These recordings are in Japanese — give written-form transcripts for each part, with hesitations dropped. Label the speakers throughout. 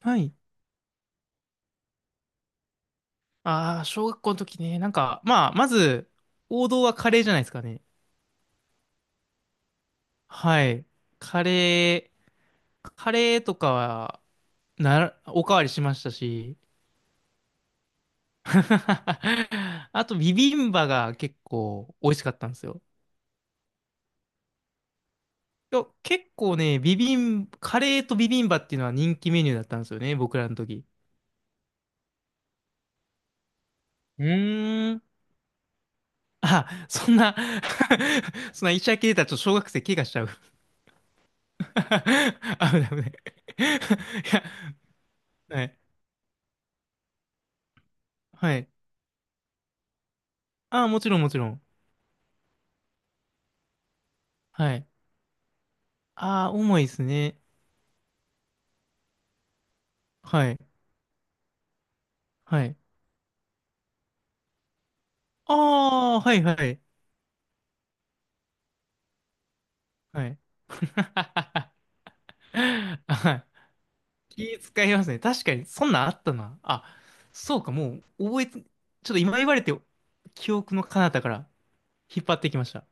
Speaker 1: はい。ああ、小学校の時ね。なんか、まあ、まず、王道はカレーじゃないですかね。はい。カレカレーとかは、なら、おかわりしましたし。あと、ビビンバが結構美味しかったんですよ。いや結構ね、ビビン、カレーとビビンバっていうのは人気メニューだったんですよね、僕らの時。うーん。あ、そんな そんな医者系だと小学生怪我しちゃう 危ない危ない いや、はいはい。ああ、もちろん、もちろん。はい。ああ、重いですね。はい。はい。ああ、はい、はい。はい。はい。気使いますね。確かに、そんなんあったな。あ、そうか、もう、覚えて、ちょっと今言われて、記憶の彼方から引っ張ってきました。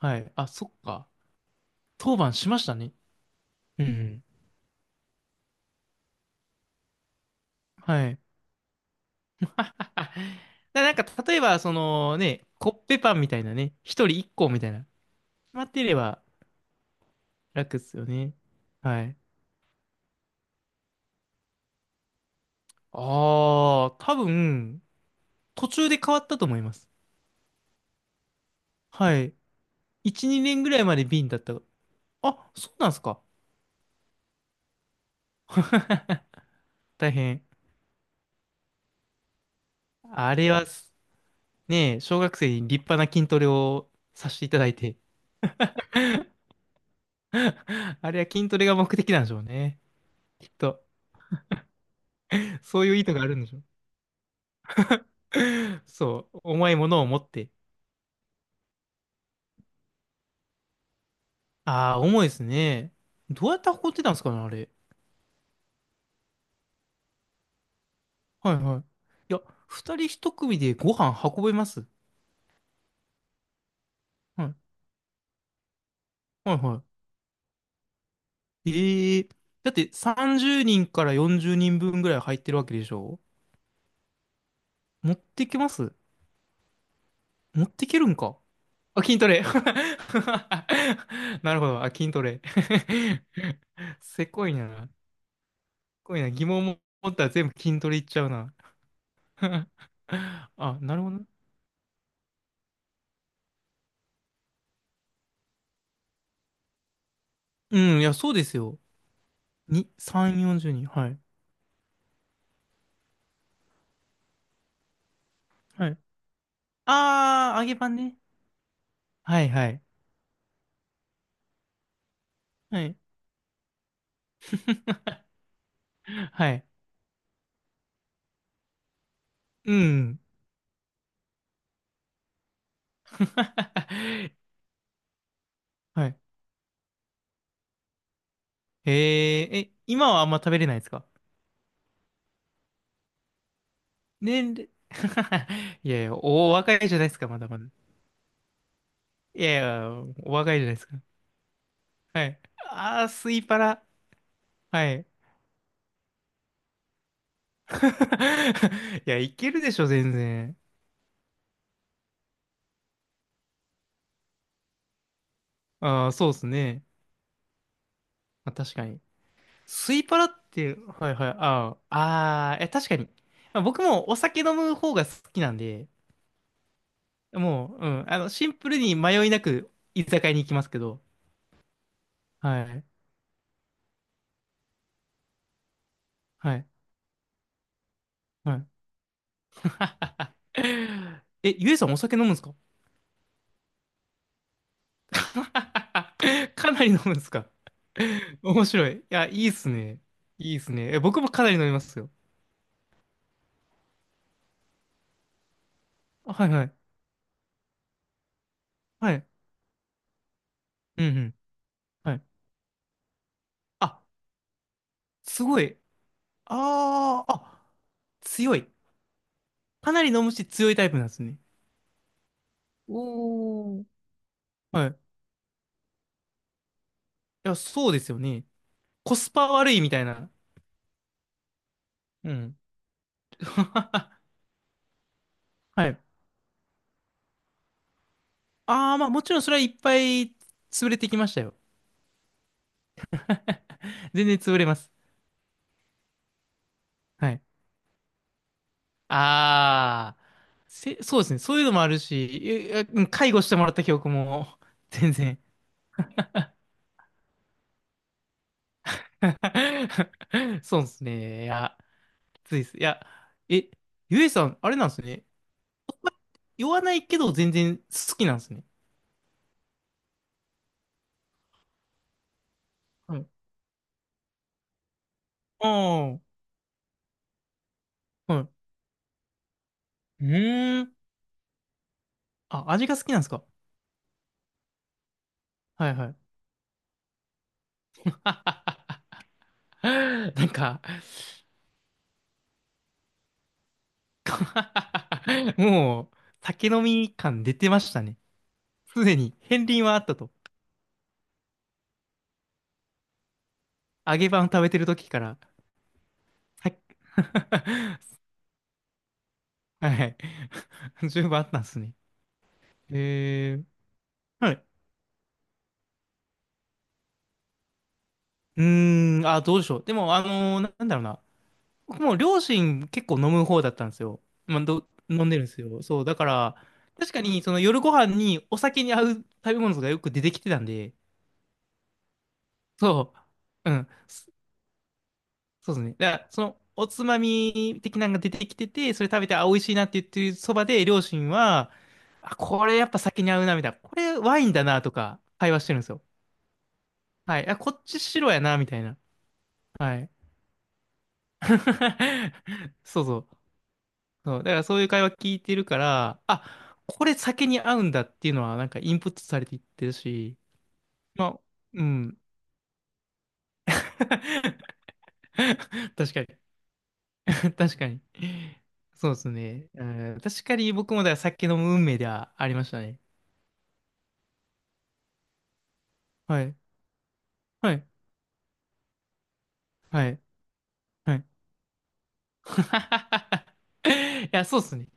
Speaker 1: はい。あ、そっか。当番しましたね。うんうん。はい。だなんか、例えば、そのね、コッペパンみたいなね、一人一個みたいな、決まっていれば、楽っすよね。はい。ああ、多分、途中で変わったと思います。はい。1、2年ぐらいまで瓶だった。あ、そうなんすか。大変。あれはす、ねえ、小学生に立派な筋トレをさせていただいて。あれは筋トレが目的なんでしょうね。きっと。そういう意図があるんでしょう。そう。重いものを持って。ああ、重いですね。どうやって運んでたんですかね、あれ。はいはい。いや、二人一組でご飯運べます。はいはいはい。ええだって30人から40人分ぐらい入ってるわけでしょ？持ってきます？持ってけるんか？あ、筋トレ。なるほど。あ、筋トレ。せこいな。せこいな。疑問持ったら全部筋トレいっちゃうな。あ、なるほどね。うん、いや、そうですよ。3、40人。はい。はい。あー、揚げパンね。はいはい。はい。はい。うん。はい。え今はあんま食べれないですか？年齢 いやいや、お若いじゃないですか、まだまだ。いやいや、お若いじゃないですか。はい。あー、スイパラ。はい。いや、いけるでしょ、全然。ああ、そうですね。まあ、確かに。スイパラって、はいはい、ああ、ああ、え、確かに。まあ僕もお酒飲む方が好きなんで、もう、うん、あの、シンプルに迷いなく居酒屋に行きますけど、はい、はい、はい。え、ゆえさんお酒飲むんですか？ かなり飲むんですか？面白い。いや、いいっすね。いいっすね。え、僕もかなり飲みますよ。あ、はいはい。はい。うんうん。はい。あ、すごい。ああ、あ、強い。かなり飲むし強いタイプなんですね。おー。はい。いや、そうですよね。コスパ悪いみたいな。うん。はい。ああ、まあもちろんそれはいっぱい潰れてきましたよ。全然潰れます。はい、ああ、そうですね。そういうのもあるし、介護してもらった記憶も、全然。そうですね。いや、きついです。いや、え、ゆえさん、あれなんですね。言わないけど全然好きなんですね。はい。ああ、はい。うーん。あ、味が好きなんですか？はいはい。なんか もう、酒飲み感出てましたね。すでに、片鱗はあったと。揚げパン食べてる時から。はい。はいはい。十分あったんですね。えー、はい。うーん、あ、どうでしょう。でも、なんだろうな。僕も両親結構飲む方だったんですよ。まあ、飲んでるんですよ。そう、だから、確かに、その夜ご飯にお酒に合う食べ物がよく出てきてたんで、そう、うん、そうですね。だから、その、おつまみ的なのが出てきてて、それ食べて、あ、美味しいなって言ってるそばで、両親は、あ、これやっぱ酒に合うな、みたいな。これワインだな、とか、会話してるんですよ。はい。あ、こっち白やな、みたいな。はい。そうそう。そう。だからそういう会話聞いてるから、あ、これ酒に合うんだっていうのはなんかインプットされていってるし、まあ、うん。確かに。確かに。そうですね。うん、確かに僕もだから酒飲む運命ではありましたね。はい。はい。はい。はい いや、そうっすね。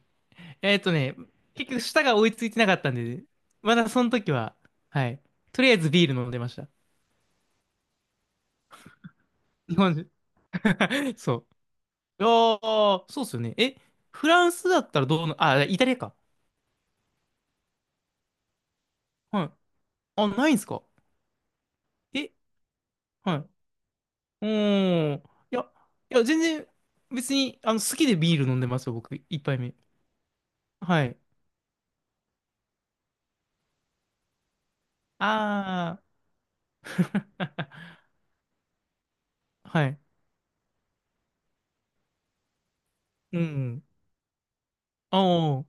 Speaker 1: えっとね、結局舌が追いついてなかったんで、まだその時は、はい。とりあえずビール飲んでました。日本人。そう。ああ、そうっすよね。え、フランスだったらどうな、あ、イタリアか。はい。あ、ないんすか？え、はい。うーん。いや、いや、全然、別に、あの、好きでビール飲んでますよ、僕、一杯目。はい。ああ。はい。うん。あ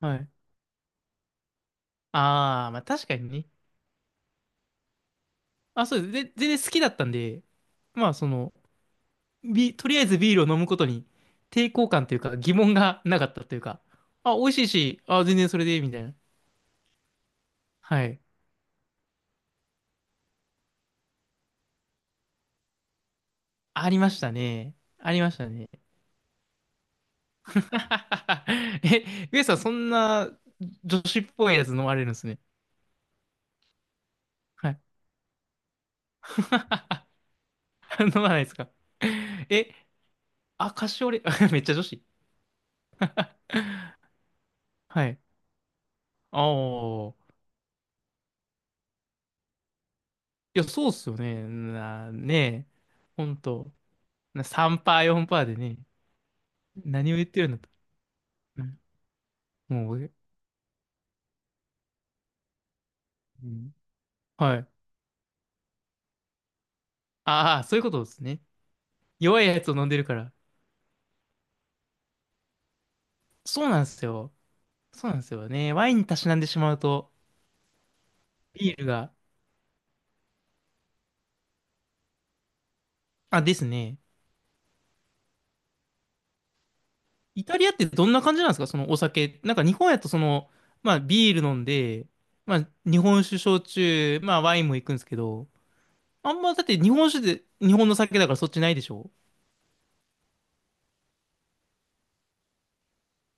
Speaker 1: あ、はい。ああ、まあ確かにね。あ、そうです。で、全然好きだったんで、まあその、とりあえずビールを飲むことに抵抗感というか疑問がなかったというか、あ、美味しいし、あ、全然それでいいみたいな。はい。ありましたね。ありましたね。え、ウエさんそんな女子っぽいやつ飲まれるんですね。はい。飲まないですか。え、あ、カシオレ、めっちゃ女子。はい。ああ。いや、そうっすよね。ねえ、ほんと、3%、4%でね、何を言ってるんだと。うん、もう、うん、はい。ああ、そういうことですね。弱いやつを飲んでるから。そうなんですよ。そうなんですよね。ワインにたしなんでしまうと、ビールが。あ、ですね。イタリアってどんな感じなんですか？そのお酒。なんか日本やとその、まあビール飲んで、まあ日本酒焼酎、まあワインも行くんですけど、あんまだって日本酒で日本の酒だからそっちないでしょ？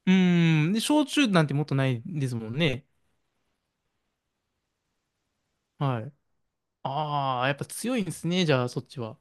Speaker 1: うーん。で、焼酎なんてもっとないですもんね。はい。ああ、やっぱ強いんですね。じゃあ、そっちは。